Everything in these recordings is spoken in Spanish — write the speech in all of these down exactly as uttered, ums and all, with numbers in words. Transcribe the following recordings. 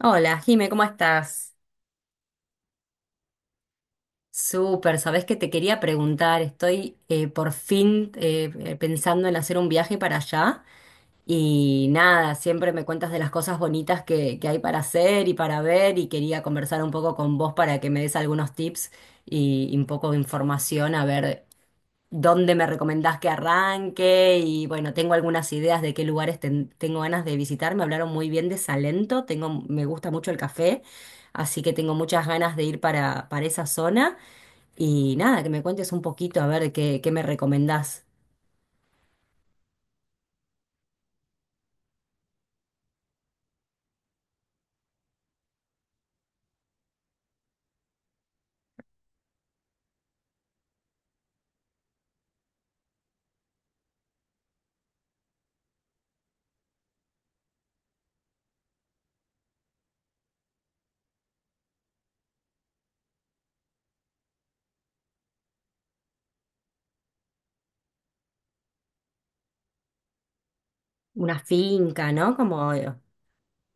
Hola, Jime, ¿cómo estás? Súper, sabés que te quería preguntar, estoy eh, por fin eh, eh, pensando en hacer un viaje para allá y nada, siempre me cuentas de las cosas bonitas que, que hay para hacer y para ver y quería conversar un poco con vos para que me des algunos tips y, y un poco de información a ver dónde me recomendás que arranque y bueno, tengo algunas ideas de qué lugares ten- tengo ganas de visitar. Me hablaron muy bien de Salento, tengo, me gusta mucho el café, así que tengo muchas ganas de ir para, para esa zona. Y nada, que me cuentes un poquito a ver qué, qué me recomendás. Una finca, ¿no? Como... eh,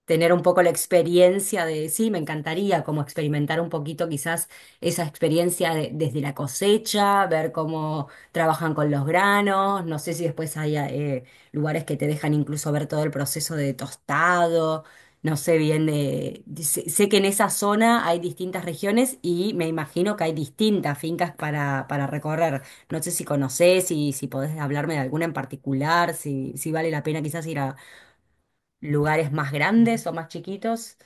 tener un poco la experiencia de, sí, me encantaría como experimentar un poquito quizás esa experiencia de- desde la cosecha, ver cómo trabajan con los granos, no sé si después hay eh, lugares que te dejan incluso ver todo el proceso de tostado, no sé bien de, de- sé, sé que en esa zona hay distintas regiones y me imagino que hay distintas fincas para, para recorrer, no sé si conocés, si, si podés hablarme de alguna en particular, si, si vale la pena quizás lugares más grandes o más chiquitos.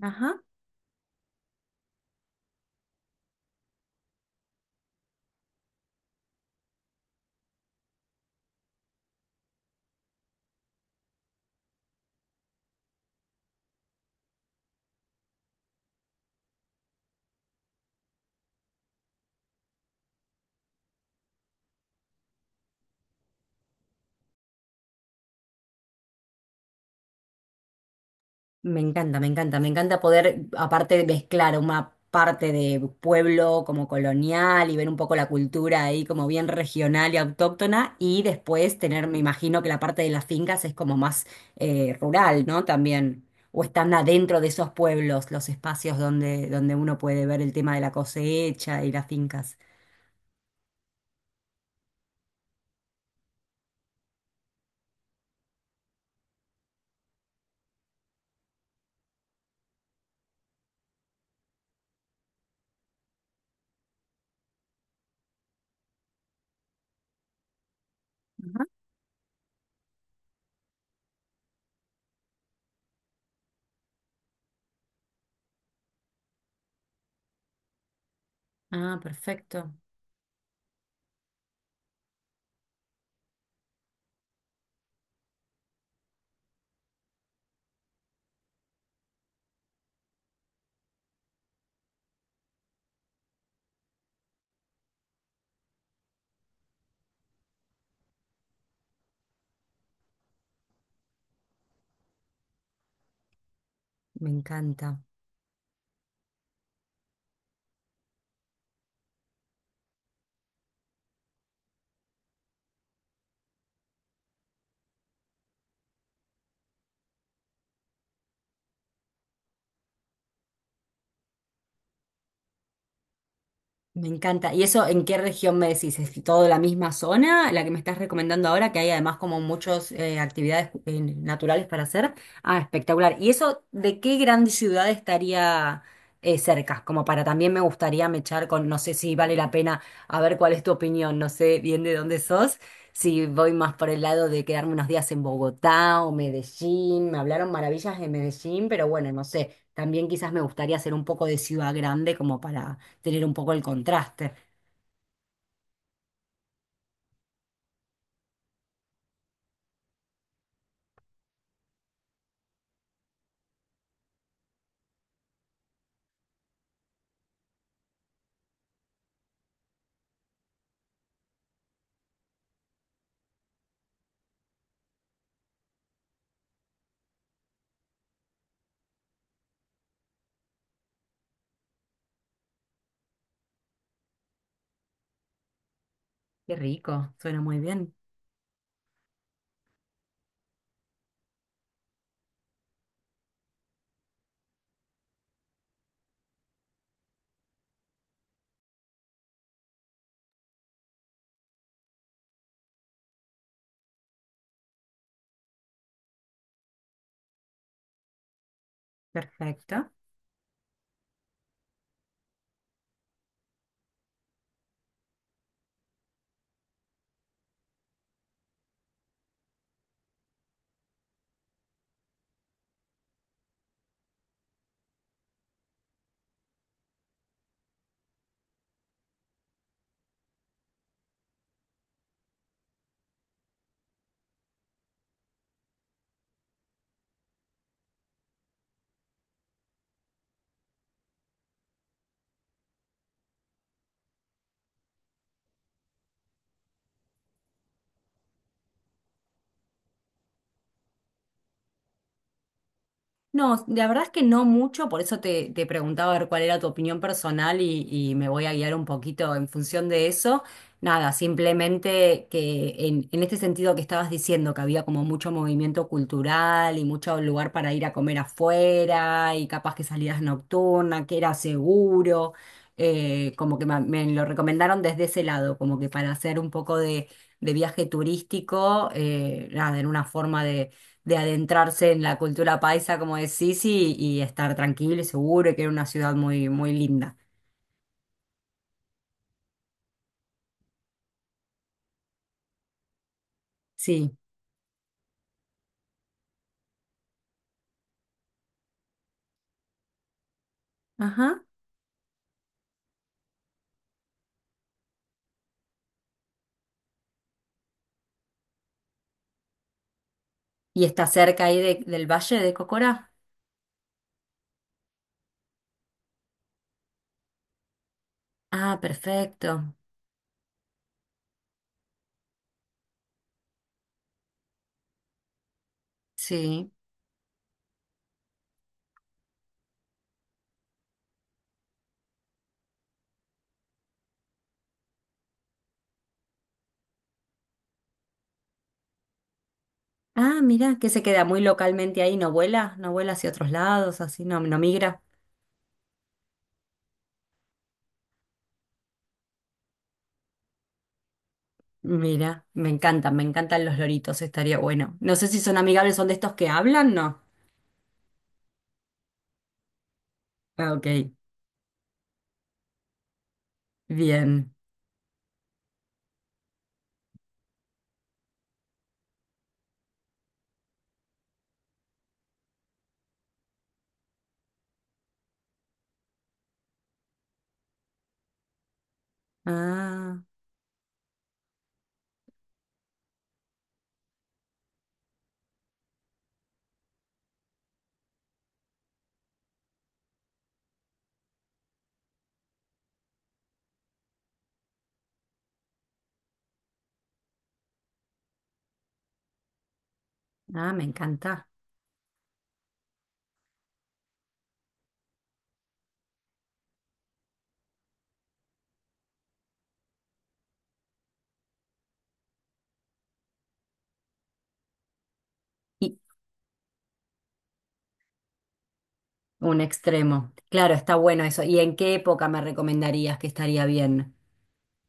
Ajá. Me encanta, me encanta, me encanta poder, aparte de mezclar una parte de pueblo como colonial y ver un poco la cultura ahí como bien regional y autóctona, y después tener, me imagino que la parte de las fincas es como más eh, rural, ¿no? También, o están adentro de esos pueblos, los espacios donde, donde uno puede ver el tema de la cosecha y las fincas. Ajá. Ah, perfecto. Me encanta. Me encanta. ¿Y eso en qué región me decís? ¿Es todo la misma zona, la que me estás recomendando ahora, que hay además como muchas actividades eh, naturales para hacer? Ah, espectacular. ¿Y eso de qué gran ciudad estaría eh, cerca? Como para también me gustaría mechar con, no sé si vale la pena, a ver cuál es tu opinión, no sé bien de dónde sos, si voy más por el lado de quedarme unos días en Bogotá o Medellín. Me hablaron maravillas de Medellín, pero bueno, no sé. También quizás me gustaría hacer un poco de ciudad grande como para tener un poco el contraste. Qué rico, suena muy bien. Perfecto. No, la verdad es que no mucho, por eso te, te preguntaba a ver cuál era tu opinión personal y, y me voy a guiar un poquito en función de eso. Nada, simplemente que en, en este sentido que estabas diciendo, que había como mucho movimiento cultural y mucho lugar para ir a comer afuera y capaz que salidas nocturnas, que era seguro, eh, como que ma- me, lo recomendaron desde ese lado, como que para hacer un poco de, de viaje turístico, eh, nada, en una forma de adentrarse en la cultura paisa, como decís, y, y estar tranquilo y seguro, y que era una ciudad muy, muy linda. Sí. Ajá. ¿Y está cerca ahí de- del Valle de Cocora? Ah, perfecto. Sí. Ah, mira, que se queda muy localmente ahí, no vuela, no vuela hacia otros lados, así, no, no migra. Mira, me encantan, me encantan los loritos, estaría bueno. No sé si son amigables, son de estos que hablan, ¿no? Ah, ok, bien. Ah, ah, me encanta. Un extremo. Claro, está bueno eso. ¿Y en qué época me recomendarías que estaría bien?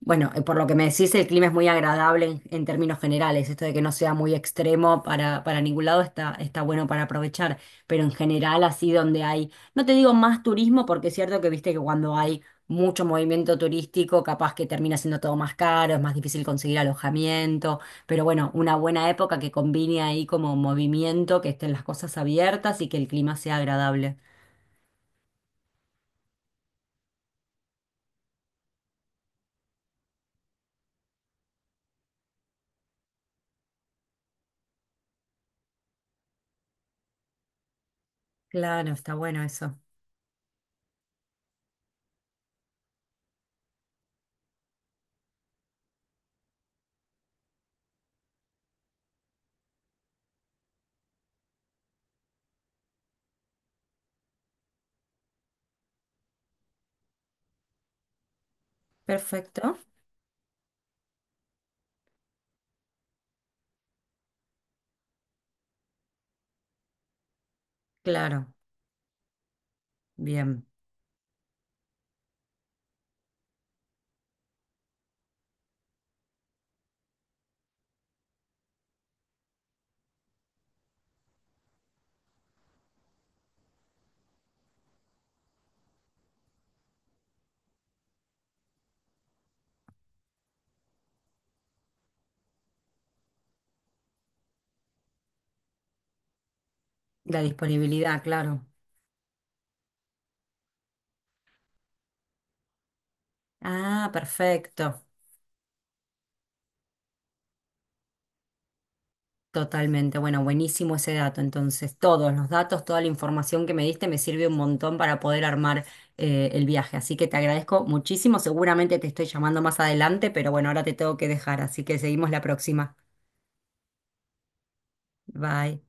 Bueno, eh, por lo que me decís, el clima es muy agradable en, en términos generales. Esto de que no sea muy extremo para, para ningún lado está, está bueno para aprovechar. Pero en general, así donde hay, no te digo más turismo, porque es cierto que viste que cuando hay mucho movimiento turístico, capaz que termina siendo todo más caro, es más difícil conseguir alojamiento. Pero bueno, una buena época que combine ahí como movimiento, que estén las cosas abiertas y que el clima sea agradable. Claro, está bueno eso. Perfecto. Claro, bien. La disponibilidad, claro. Ah, perfecto. Totalmente. Bueno, buenísimo ese dato. Entonces, todos los datos, toda la información que me diste me sirve un montón para poder armar eh, el viaje. Así que te agradezco muchísimo. Seguramente te estoy llamando más adelante, pero bueno, ahora te tengo que dejar. Así que seguimos la próxima. Bye.